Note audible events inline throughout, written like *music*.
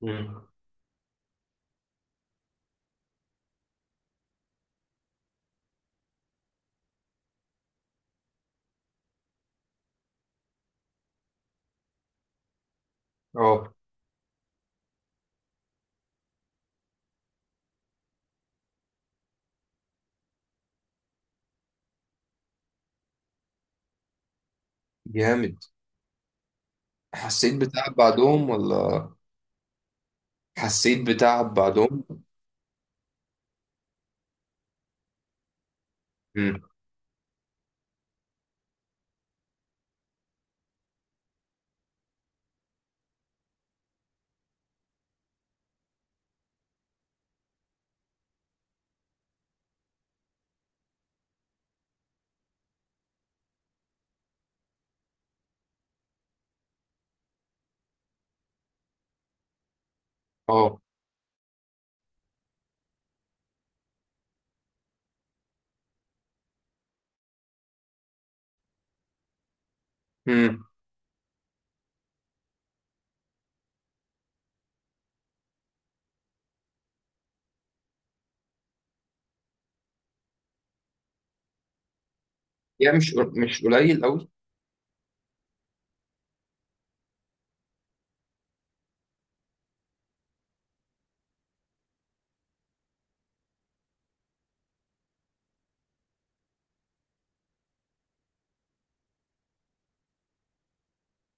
مم. اه جامد. حسيت بتعب بعدهم ولا حسيت بتعب بعدهم؟ امم اه امم، يعني مش قليل قوي.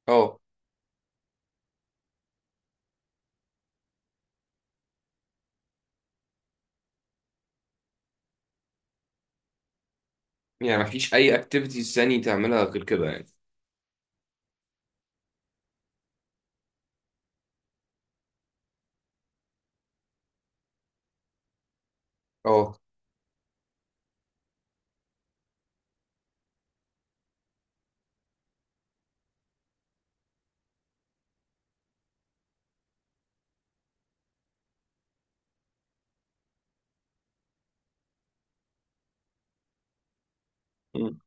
اه، يعني مفيش اي اكتيفيتيز ثاني تعملها غير كده يعني؟ اه. مم.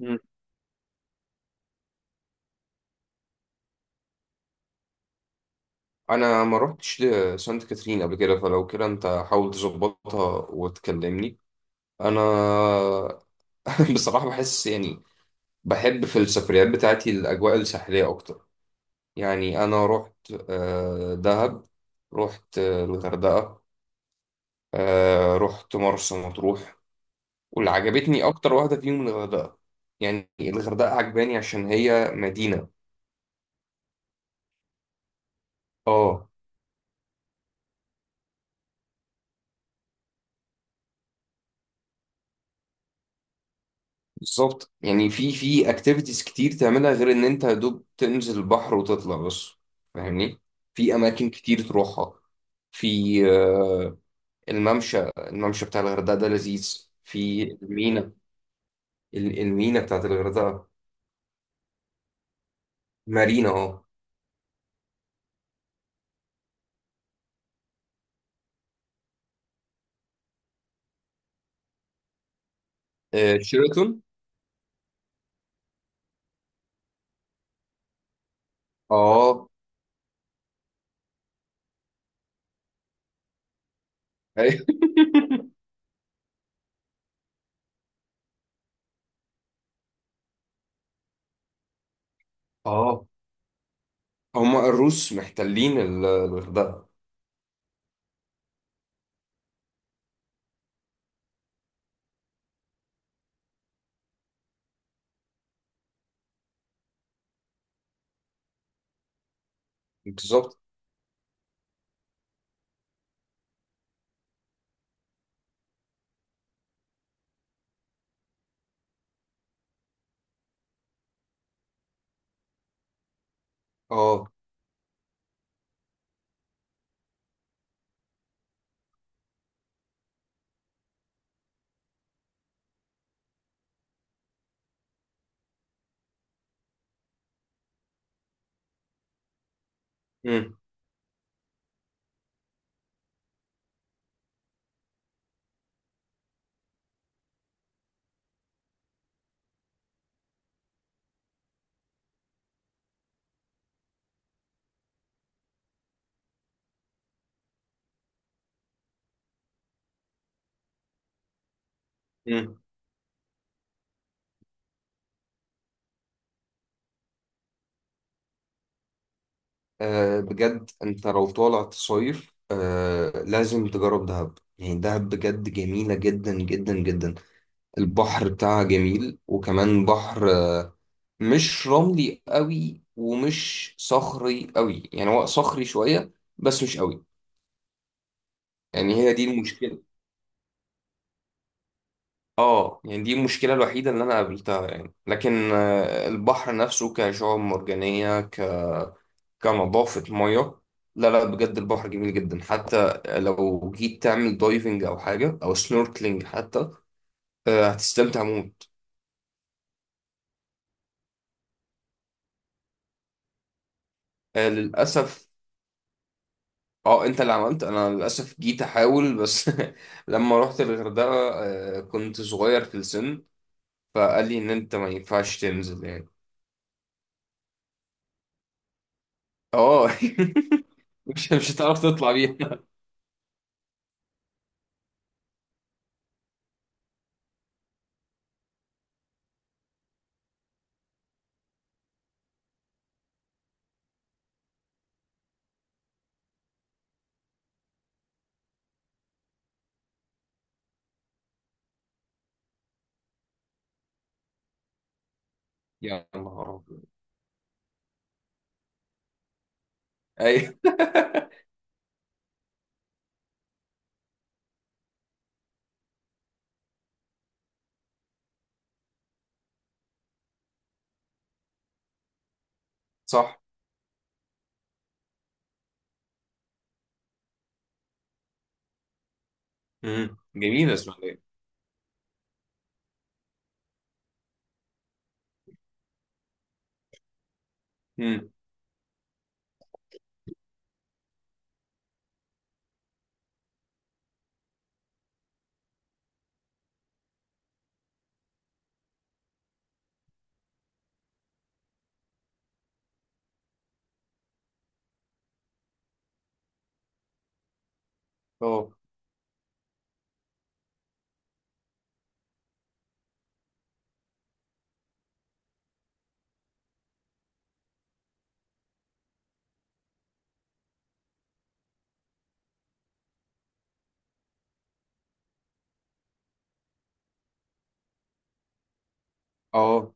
مم. انا ما رحتش لسانت كاترين قبل كده، فلو كده انت حاول تظبطها وتكلمني. انا *laughs* بصراحة بحس يعني بحب في السفريات بتاعتي الاجواء الساحلية اكتر. يعني أنا رحت دهب، رحت الغردقة، رحت مرسى مطروح، واللي عجبتني أكتر واحدة فيهم الغردقة. يعني الغردقة عجباني عشان هي مدينة. اه، بالظبط، يعني في في اكتيفيتيز كتير تعملها غير ان انت يا دوب تنزل البحر وتطلع بس. فاهمني، في اماكن كتير تروحها. في الممشى، الممشى بتاع الغردقة ده لذيذ، في المينا، المينا بتاعت الغردقة. مارينا، اه. آه، شيراتون. اه. أيوة. *laughs* اه، هما الروس محتلين الغردقة. بالظبط. اه. مم. مم. آه، بجد انت لو طالع تصيف آه، لازم تجرب دهب. يعني دهب بجد جميلة جدا جدا جدا. البحر بتاعها جميل، وكمان بحر مش رملي قوي ومش صخري قوي، يعني هو صخري شوية بس مش قوي. يعني هي دي المشكلة. اه، يعني دي المشكلة الوحيدة اللي أنا قابلتها، يعني لكن آه، البحر نفسه كشعاب مرجانية ك... كنظافة مية، لا بجد البحر جميل جدا، حتى لو جيت تعمل دايفنج أو حاجة أو سنوركلينج حتى آه، هتستمتع موت. آه، للأسف. اه، انت اللي عملت، انا للاسف جيت احاول بس. *laughs* لما رحت الغردقه آه، كنت صغير في السن، فقال لي ان انت ما ينفعش تنزل يعني. اه. *laughs* مش هتعرف تطلع بيها. *laughs* يا نهار أبيض. اي. *laughs* صح. امم، جميلة اسماعيلية. امم. اه. اه.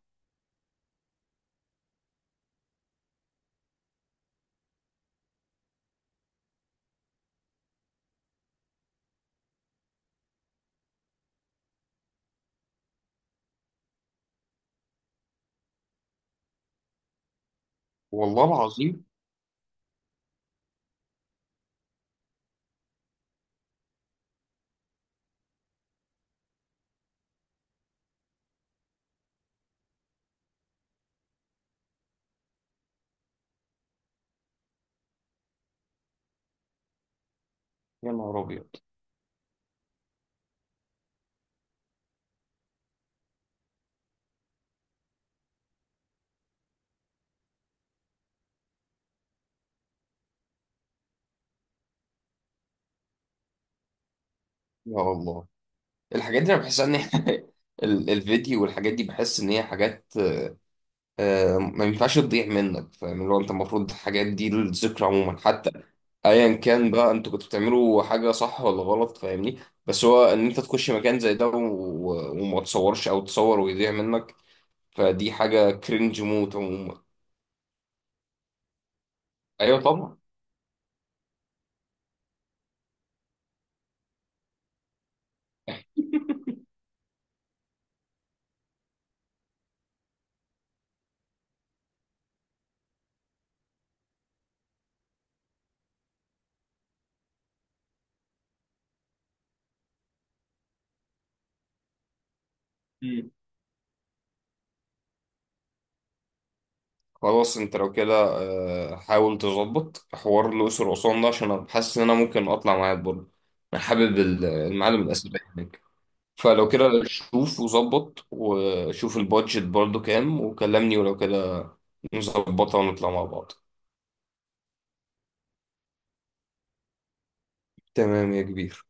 والله العظيم. يا نهار ابيض. يا الله، الحاجات دي انا بحس ان هي- *laughs* الفيديو والحاجات دي بحس ان هي حاجات آه، ما ينفعش تضيع منك، فاهم؟ اللي هو انت المفروض الحاجات دي الذكرى عموما، حتى ايا كان بقى انتوا كنتوا بتعملوا حاجه صح ولا غلط، فاهمني؟ بس هو ان انت تخش مكان زي ده وما تصورش او تصور ويضيع منك، فدي حاجه كرنج موت عموما. ايوه. طبعا. خلاص، انت لو كده آه، حاول تظبط حوار الأقصر وأسوان ده، عشان انا حاسس ان انا ممكن اطلع معاك برضه. انا حابب المعالم الأثرية هناك. فلو كده شوف وظبط وشوف البادجت برضه كام وكلمني، ولو كده نظبطها ونطلع مع بعض. تمام يا كبير.